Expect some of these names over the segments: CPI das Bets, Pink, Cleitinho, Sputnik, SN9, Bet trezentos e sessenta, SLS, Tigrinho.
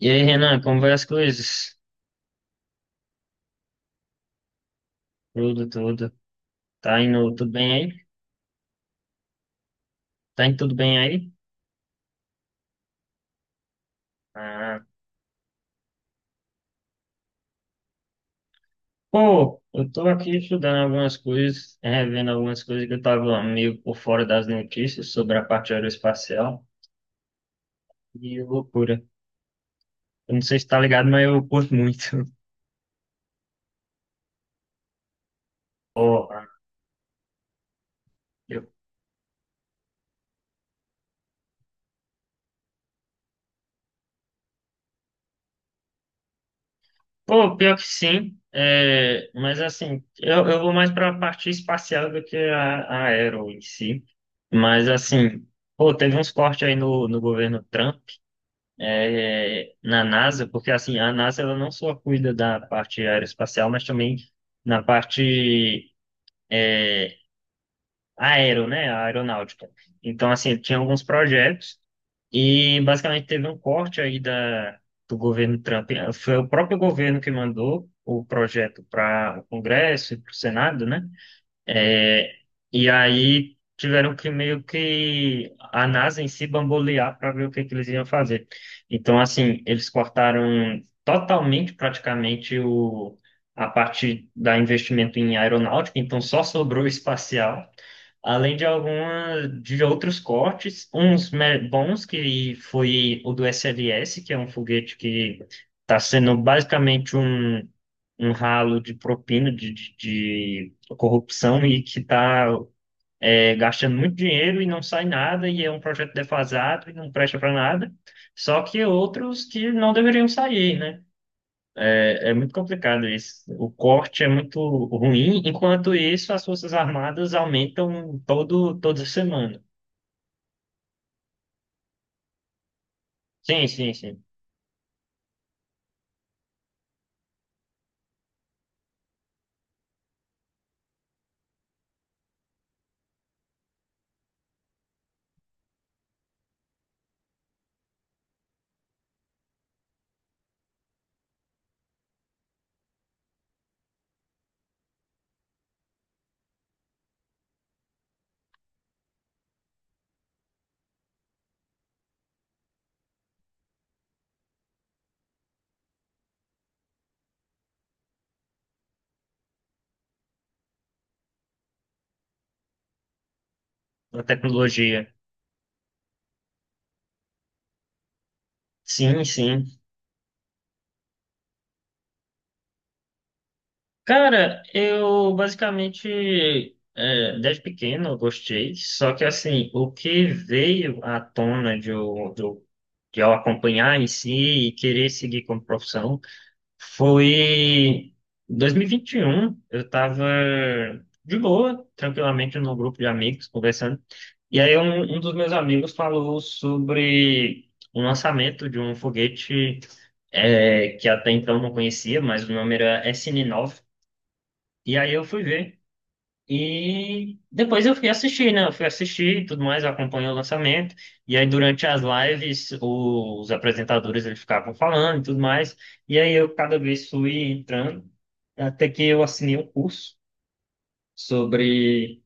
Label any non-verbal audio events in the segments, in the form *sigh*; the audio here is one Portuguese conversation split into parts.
E aí, Renan, como vai as coisas? Tudo, tudo. Tá indo tudo bem aí? Tá indo tudo bem aí? Ah, pô, eu tô aqui estudando algumas coisas, revendo algumas coisas que eu tava meio por fora das notícias sobre a parte aeroespacial e é loucura. Eu não sei se tá ligado, mas eu curto muito. *laughs* Porra. Eu- Pô, pior que sim, mas assim, eu vou mais pra parte espacial do que a aero em si. Mas assim, pô, teve uns cortes aí no governo Trump. Na NASA, porque assim, a NASA ela não só cuida da parte aeroespacial, mas também na parte é, aero, né, a aeronáutica. Então, assim, tinha alguns projetos e basicamente teve um corte aí do governo Trump. Foi o próprio governo que mandou o projeto para o Congresso e para o Senado, né? É, e aí tiveram que meio que a NASA em si bambolear para ver o que eles iam fazer. Então, assim, eles cortaram totalmente, praticamente, a parte da investimento em aeronáutica, então só sobrou espacial, além de algumas de outros cortes, bons, que foi o do SLS, que é um foguete que está sendo basicamente um ralo de propina de corrupção e que está gastando muito dinheiro e não sai nada, e é um projeto defasado e não presta para nada. Só que outros que não deveriam sair, né? É muito complicado isso. O corte é muito ruim, enquanto isso, as Forças Armadas aumentam toda semana. Sim, sim, sim. A tecnologia. Sim, sim. Cara, eu basicamente, desde pequeno, eu gostei, só que assim, o que veio à tona de eu acompanhar em si e querer seguir como profissão foi em 2021. Eu estava de boa, tranquilamente, num grupo de amigos conversando, e aí um dos meus amigos falou sobre o lançamento de um foguete que até então eu não conhecia, mas o nome era SN9. E aí eu fui ver. E depois eu fui assistir, né? Eu fui assistir e tudo mais, eu acompanhei o lançamento. E aí durante as lives, os apresentadores eles ficavam falando e tudo mais. E aí eu cada vez fui entrando, até que eu assinei um curso sobre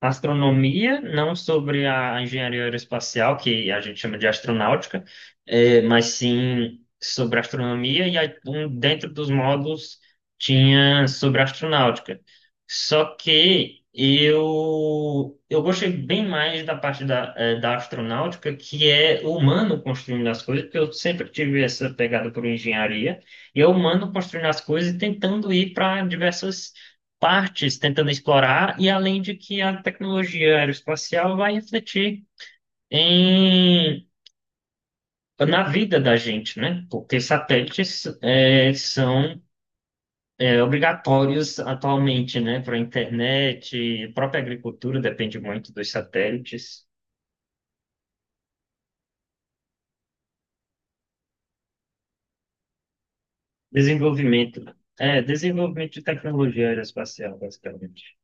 astronomia, não sobre a engenharia aeroespacial, que a gente chama de astronáutica, mas sim sobre astronomia, e aí, dentro dos módulos tinha sobre astronáutica. Só que eu gostei bem mais da parte da astronáutica, que é o humano construindo as coisas, porque eu sempre tive essa pegada por engenharia, e é o humano construindo as coisas e tentando ir para diversas partes tentando explorar, e além de que a tecnologia aeroespacial vai refletir em, na vida da gente, né? Porque satélites são obrigatórios atualmente, né? Para a internet, a própria agricultura depende muito dos satélites, desenvolvimento, desenvolvimento de tecnologia aeroespacial, basicamente.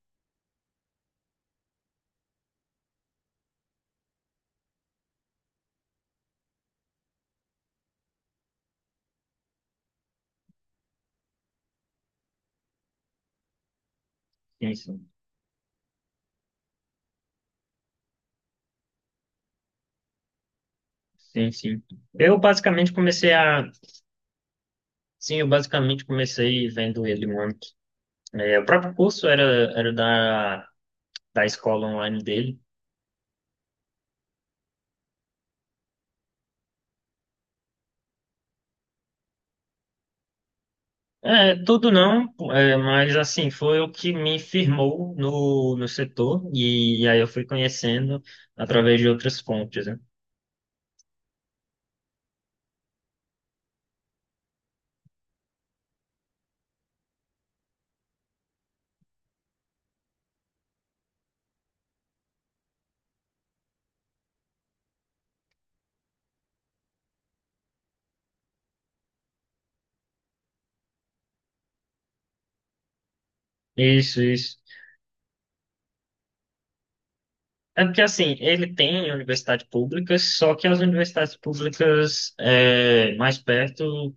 Sim, sim. Sim, sim. Eu basicamente comecei a. Sim, eu basicamente comecei vendo ele muito. É, o próprio curso era da escola online dele. É, tudo não, é, mas assim, foi o que me firmou no setor e, aí eu fui conhecendo através de outras fontes, né? Isso, isso. É porque assim, ele tem universidade pública, só que as universidades públicas mais perto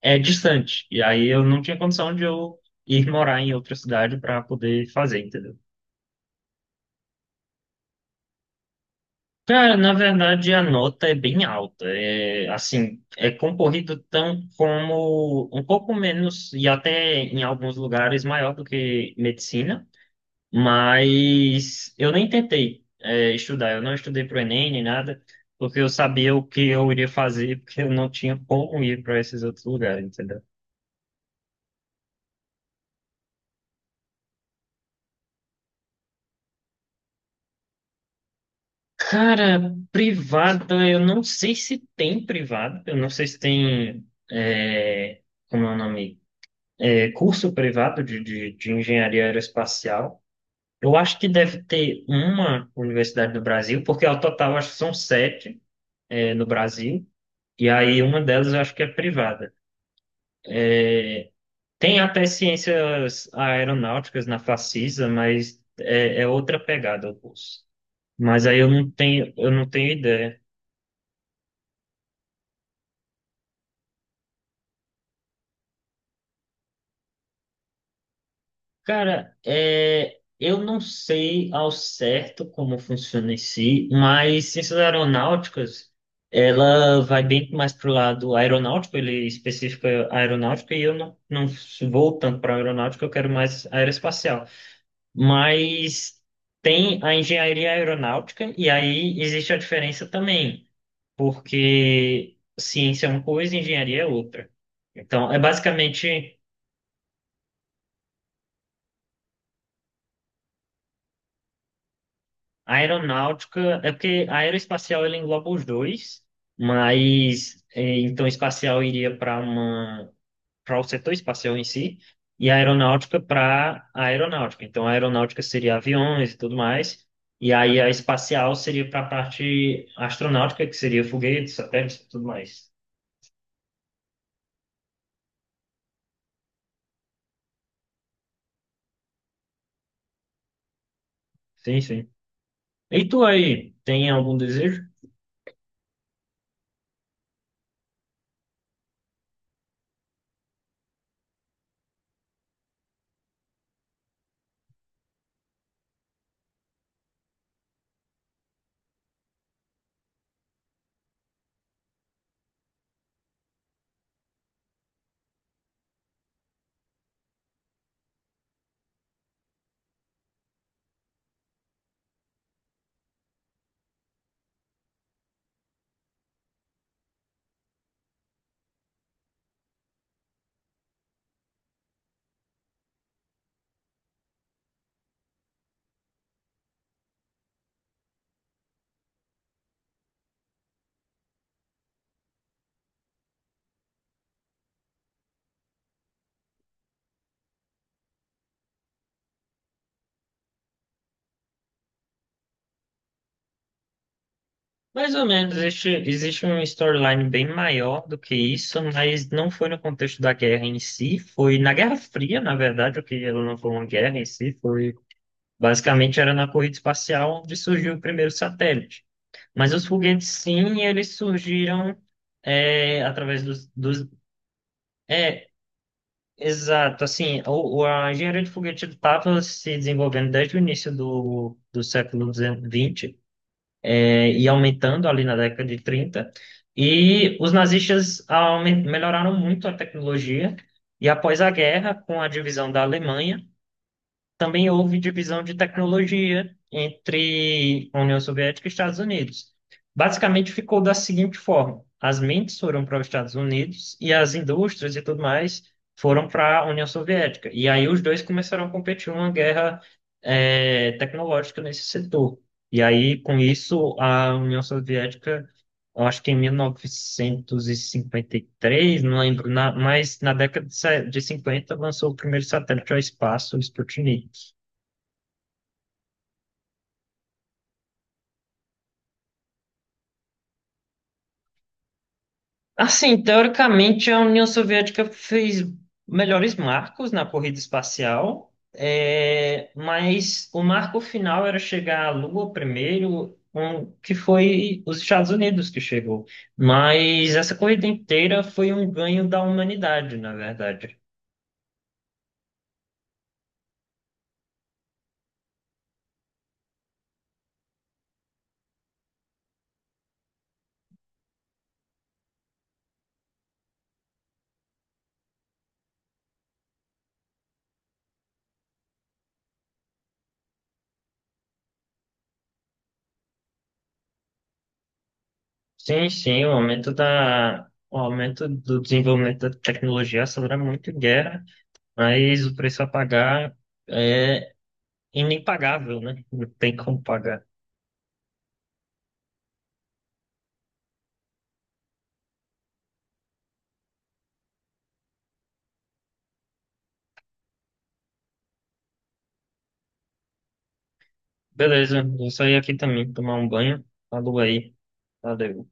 é distante. E aí eu não tinha condição de eu ir morar em outra cidade para poder fazer, entendeu? Cara, na verdade a nota é bem alta. É, assim, é concorrido tão como um pouco menos e até em alguns lugares maior do que medicina, mas eu nem tentei estudar. Eu não estudei para o Enem nem nada, porque eu sabia o que eu iria fazer, *laughs* porque eu não tinha como ir para esses outros lugares, entendeu? Cara, privada, eu não sei se tem privada, eu não sei se tem, é, como é o nome? Curso privado de engenharia aeroespacial. Eu acho que deve ter uma universidade no Brasil, porque ao total acho que são sete, é, no Brasil, e aí uma delas eu acho que é privada. Tem até ciências aeronáuticas na Facisa, mas é outra pegada o curso. Mas aí eu não tenho ideia. Cara, é, eu não sei ao certo como funciona em si, mas ciências aeronáuticas, ela vai bem mais para o lado aeronáutico, ele especifica aeronáutica, e eu não, não vou tanto para aeronáutica, eu quero mais aeroespacial. Mas tem a engenharia aeronáutica, e aí existe a diferença também, porque ciência é uma coisa e engenharia é outra. Então, é basicamente. A aeronáutica, é porque a aeroespacial ela engloba os dois, mas eh, então espacial iria para uma para o setor espacial em si e a aeronáutica para a aeronáutica. Então a aeronáutica seria aviões e tudo mais, e aí a espacial seria para a parte astronáutica, que seria foguetes, satélites e tudo mais. Sim, sim. E tu aí, tem algum desejo? Mais ou menos, existe uma storyline bem maior do que isso, mas não foi no contexto da guerra em si, foi na Guerra Fria, na verdade, o que ela não foi uma guerra em si, foi basicamente era na corrida espacial onde surgiu o primeiro satélite. Mas os foguetes, sim, eles surgiram através dos... É, exato, assim, a engenharia de foguete estava se desenvolvendo desde o início do século 20 e aumentando ali na década de 30. E os melhoraram muito a tecnologia, e após a guerra, com a divisão da Alemanha, também houve divisão de tecnologia entre a União Soviética e Estados Unidos. Basicamente ficou da seguinte forma: as mentes foram para os Estados Unidos e as indústrias e tudo mais foram para a União Soviética. E aí os dois começaram a competir uma guerra tecnológica nesse setor. E aí com isso a União Soviética, eu acho que em 1953, não lembro, mas na década de se- de 50 lançou o primeiro satélite ao espaço, o Sputnik. Assim, teoricamente, a União Soviética fez melhores marcos na corrida espacial, é, mas o marco final era chegar à Lua primeiro, um, que foi os Estados Unidos que chegou. Mas essa corrida inteira foi um ganho da humanidade, na verdade. Sim, sim, o aumento do desenvolvimento da tecnologia acelera muito guerra, mas o preço a pagar é inimpagável, né? Não tem como pagar. Beleza, vou sair aqui também, tomar um banho. Falou aí. Valeu.